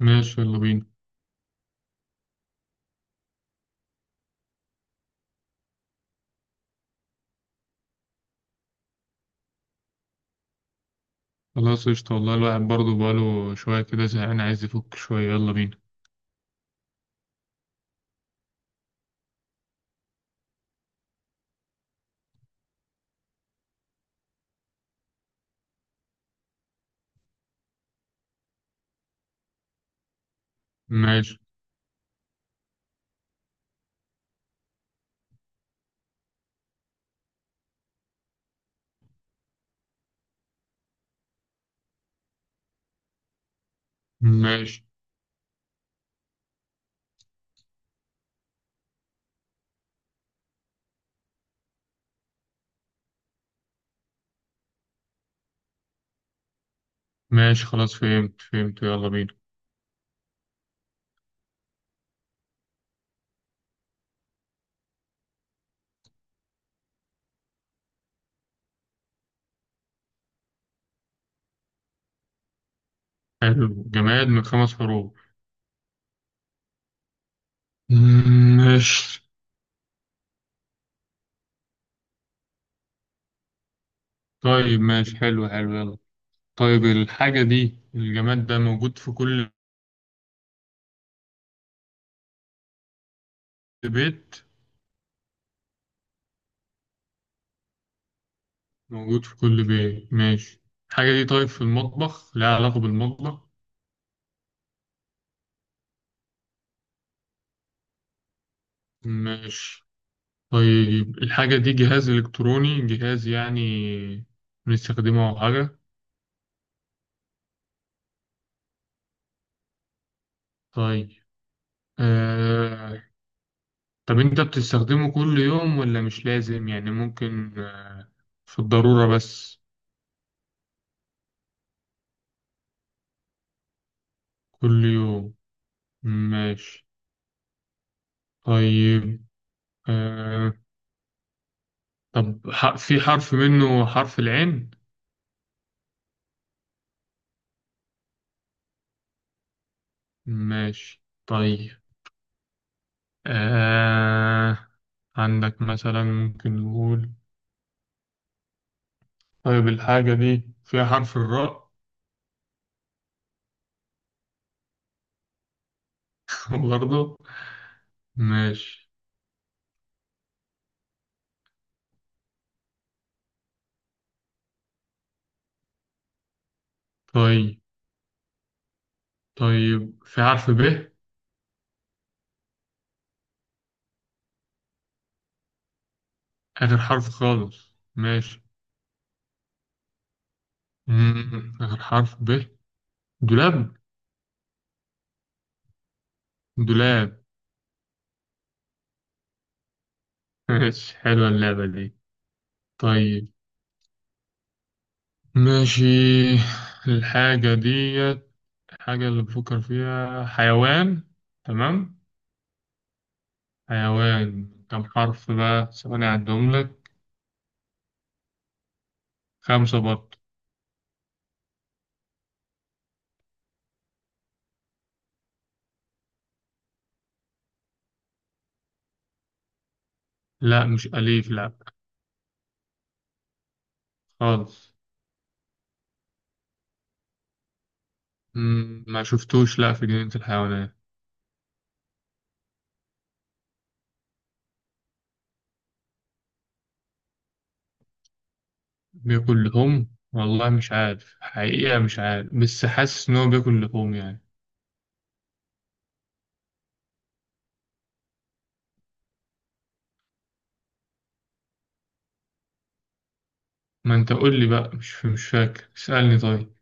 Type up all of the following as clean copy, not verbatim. ماشي، يلا بينا. خلاص، قشطة، والله الواحد برضه بقاله شوية كده زهقان، عايز يفك شوية، يلا بينا. ماشي، ماشي، ماشي. خلاص، فهمت، فهمت، يلا بينا. حلو، جماد من 5 حروف. مم، ماشي، طيب. ماشي، حلو حلو، يلا. طيب، الحاجة دي، الجماد ده موجود في كل بيت؟ موجود في كل بيت، ماشي. الحاجة دي طيب، في المطبخ؟ لها علاقة بالمطبخ؟ ماشي. طيب، الحاجة دي جهاز إلكتروني، جهاز يعني بنستخدمه أو حاجة؟ طيب. آه... طب أنت بتستخدمه كل يوم ولا مش لازم، يعني ممكن في الضرورة بس؟ كل يوم، ماشي، طيب. آه... طب، في حرف منه حرف العين؟ ماشي، طيب. آه... عندك مثلا ممكن نقول، طيب الحاجة دي فيها حرف الراء؟ برضه. ماشي، طيب. طيب في حرف ب؟ آخر حرف خالص؟ ماشي. مم. آخر حرف ب. دولاب. دولاب. ماشي، حلوة اللعبة دي. طيب، ماشي. الحاجة ديت الحاجة اللي بفكر فيها حيوان. تمام. حيوان كم حرف؟ بقى ثواني أعدهم لك. خمسة برضه. لا، مش أليف، لا خالص. مم. ما شفتوش، لا، في جنينة الحيوانات. بياكل لحوم؟ والله مش عارف، حقيقة مش عارف، بس حاسس إن هو بياكل لحوم يعني. ما أنت قول لي بقى، مش فاكر، اسألني طيب.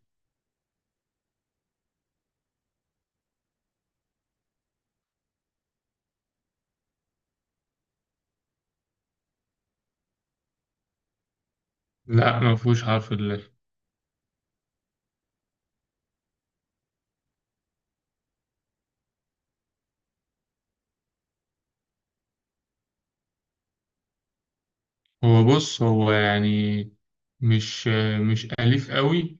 لا، ما فيهوش حرف اللام. هو، بص، هو يعني مش مش أليف قوي،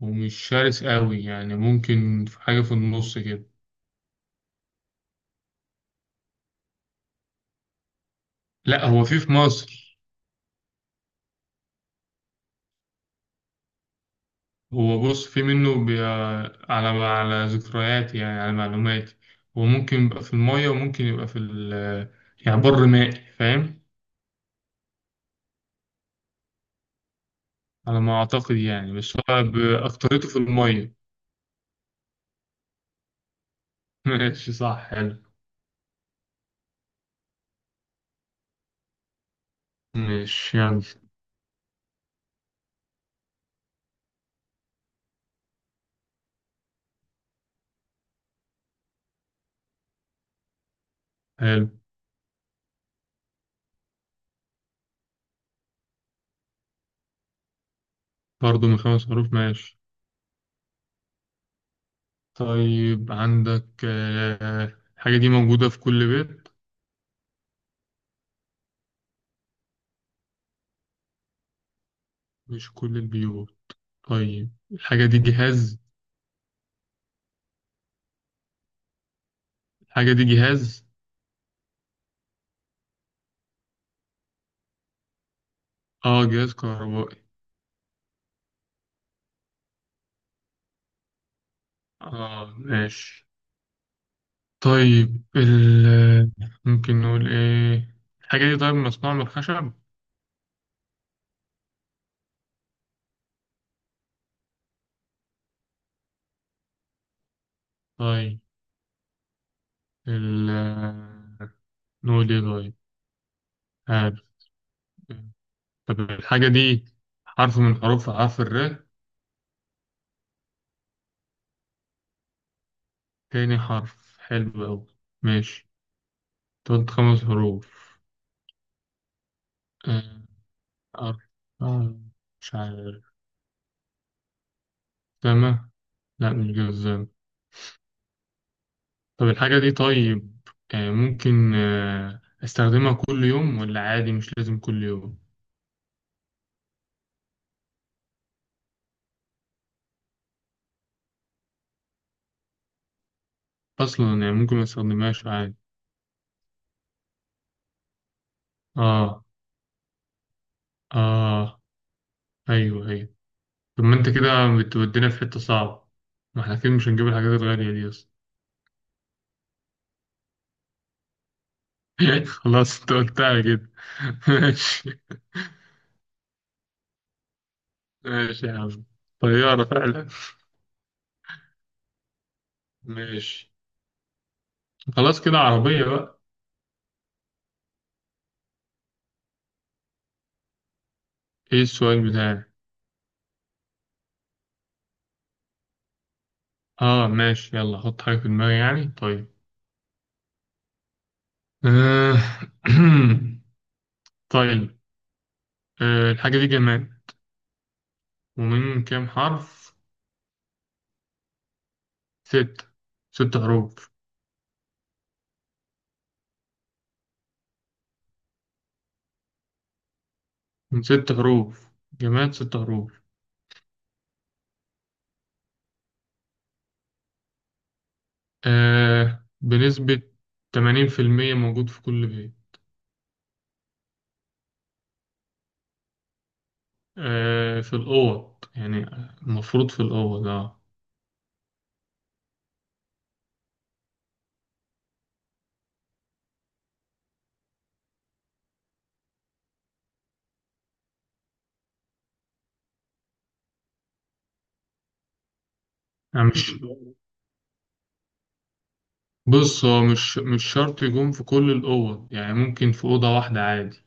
ومش شرس قوي، يعني ممكن في حاجة في النص كده. لا، هو في مصر. هو، بص، في منه على ذكرياتي، يعني على معلوماتي. هو ممكن يبقى في المية، وممكن يبقى في يعني بر مائي، فاهم؟ على ما أعتقد يعني، بس هو بأكترته في المية. ماشي، صح، حلو. ماشي، يلا. حلو، برضه من 5 حروف، ماشي. طيب، عندك الحاجة دي موجودة في كل بيت؟ مش كل البيوت. طيب الحاجة دي جهاز؟ الحاجة دي جهاز؟ اه، جهاز كهربائي. اه، ماشي، طيب. ال آه، ممكن نقول ايه؟ الحاجة دي طيب مصنوعة من الخشب؟ طيب. ال آه، نقول ايه؟ طيب، عارف. طب الحاجة دي، حرف من حروف، حرف الر؟ تاني حرف، حلو أوي، ماشي. تقعد 5 حروف. آه، أربعة. مش عارف. جزمة. لا، مش جزمة. طب الحاجة دي طيب، ممكن أستخدمها كل يوم ولا عادي مش لازم كل يوم؟ أصلا يعني، ممكن ما أستخدمهاش عادي. آه، آه، أيوه، أيوه. طب ما أنت كده بتودينا في حتة صعبة، ما احنا أكيد مش هنجيب الحاجات الغالية دي أصلا. خلاص، انت قلتها كده. ماشي. ماشي يا عم، طيارة فعلا. ماشي، خلاص، كده عربية بقى. ايه السؤال بتاعي؟ اه، ماشي، يلا حط حاجة في دماغي يعني، طيب. آه. طيب. الحاجة دي جماد، ومن كام حرف؟ ستة. 6 حروف. من 6 حروف، جماد 6 حروف. بنسبة 80% موجود في كل بيت. في الأوض يعني، المفروض في الأوض، اه. يعني مش بص، هو مش شرط يكون في كل الأوض، يعني ممكن في أوضة واحدة عادي.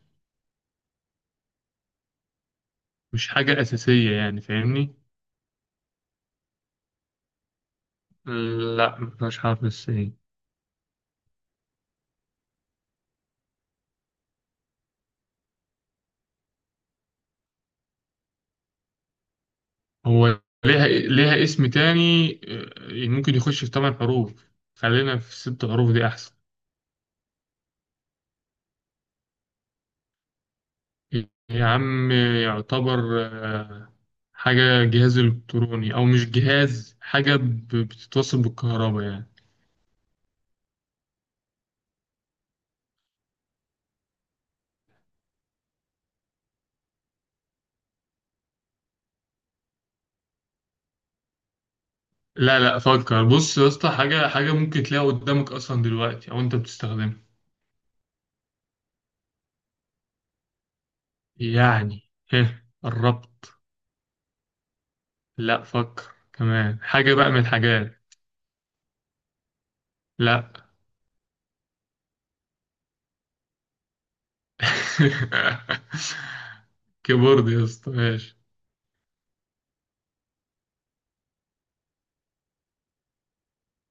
مش حاجة أساسية يعني، فاهمني؟ لا، مش حرف السين. هو ليها اسم تاني، ممكن يخش في 8 حروف. خلينا في 6 حروف دي أحسن. يا عم، يعتبر آه، حاجة، جهاز إلكتروني، أو مش جهاز، حاجة بتتوصل بالكهرباء يعني. لا، لا، فكر، بص يا اسطى، حاجة ممكن تلاقيها قدامك أصلا دلوقتي، أو أنت بتستخدمها. يعني، ايه، قربت. لا، فكر، كمان حاجة بقى من الحاجات. لا. كيبورد يا اسطى، ماشي.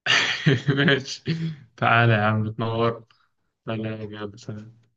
ماشي. تعالى يا عم تنور. سلام يا عم، سلام.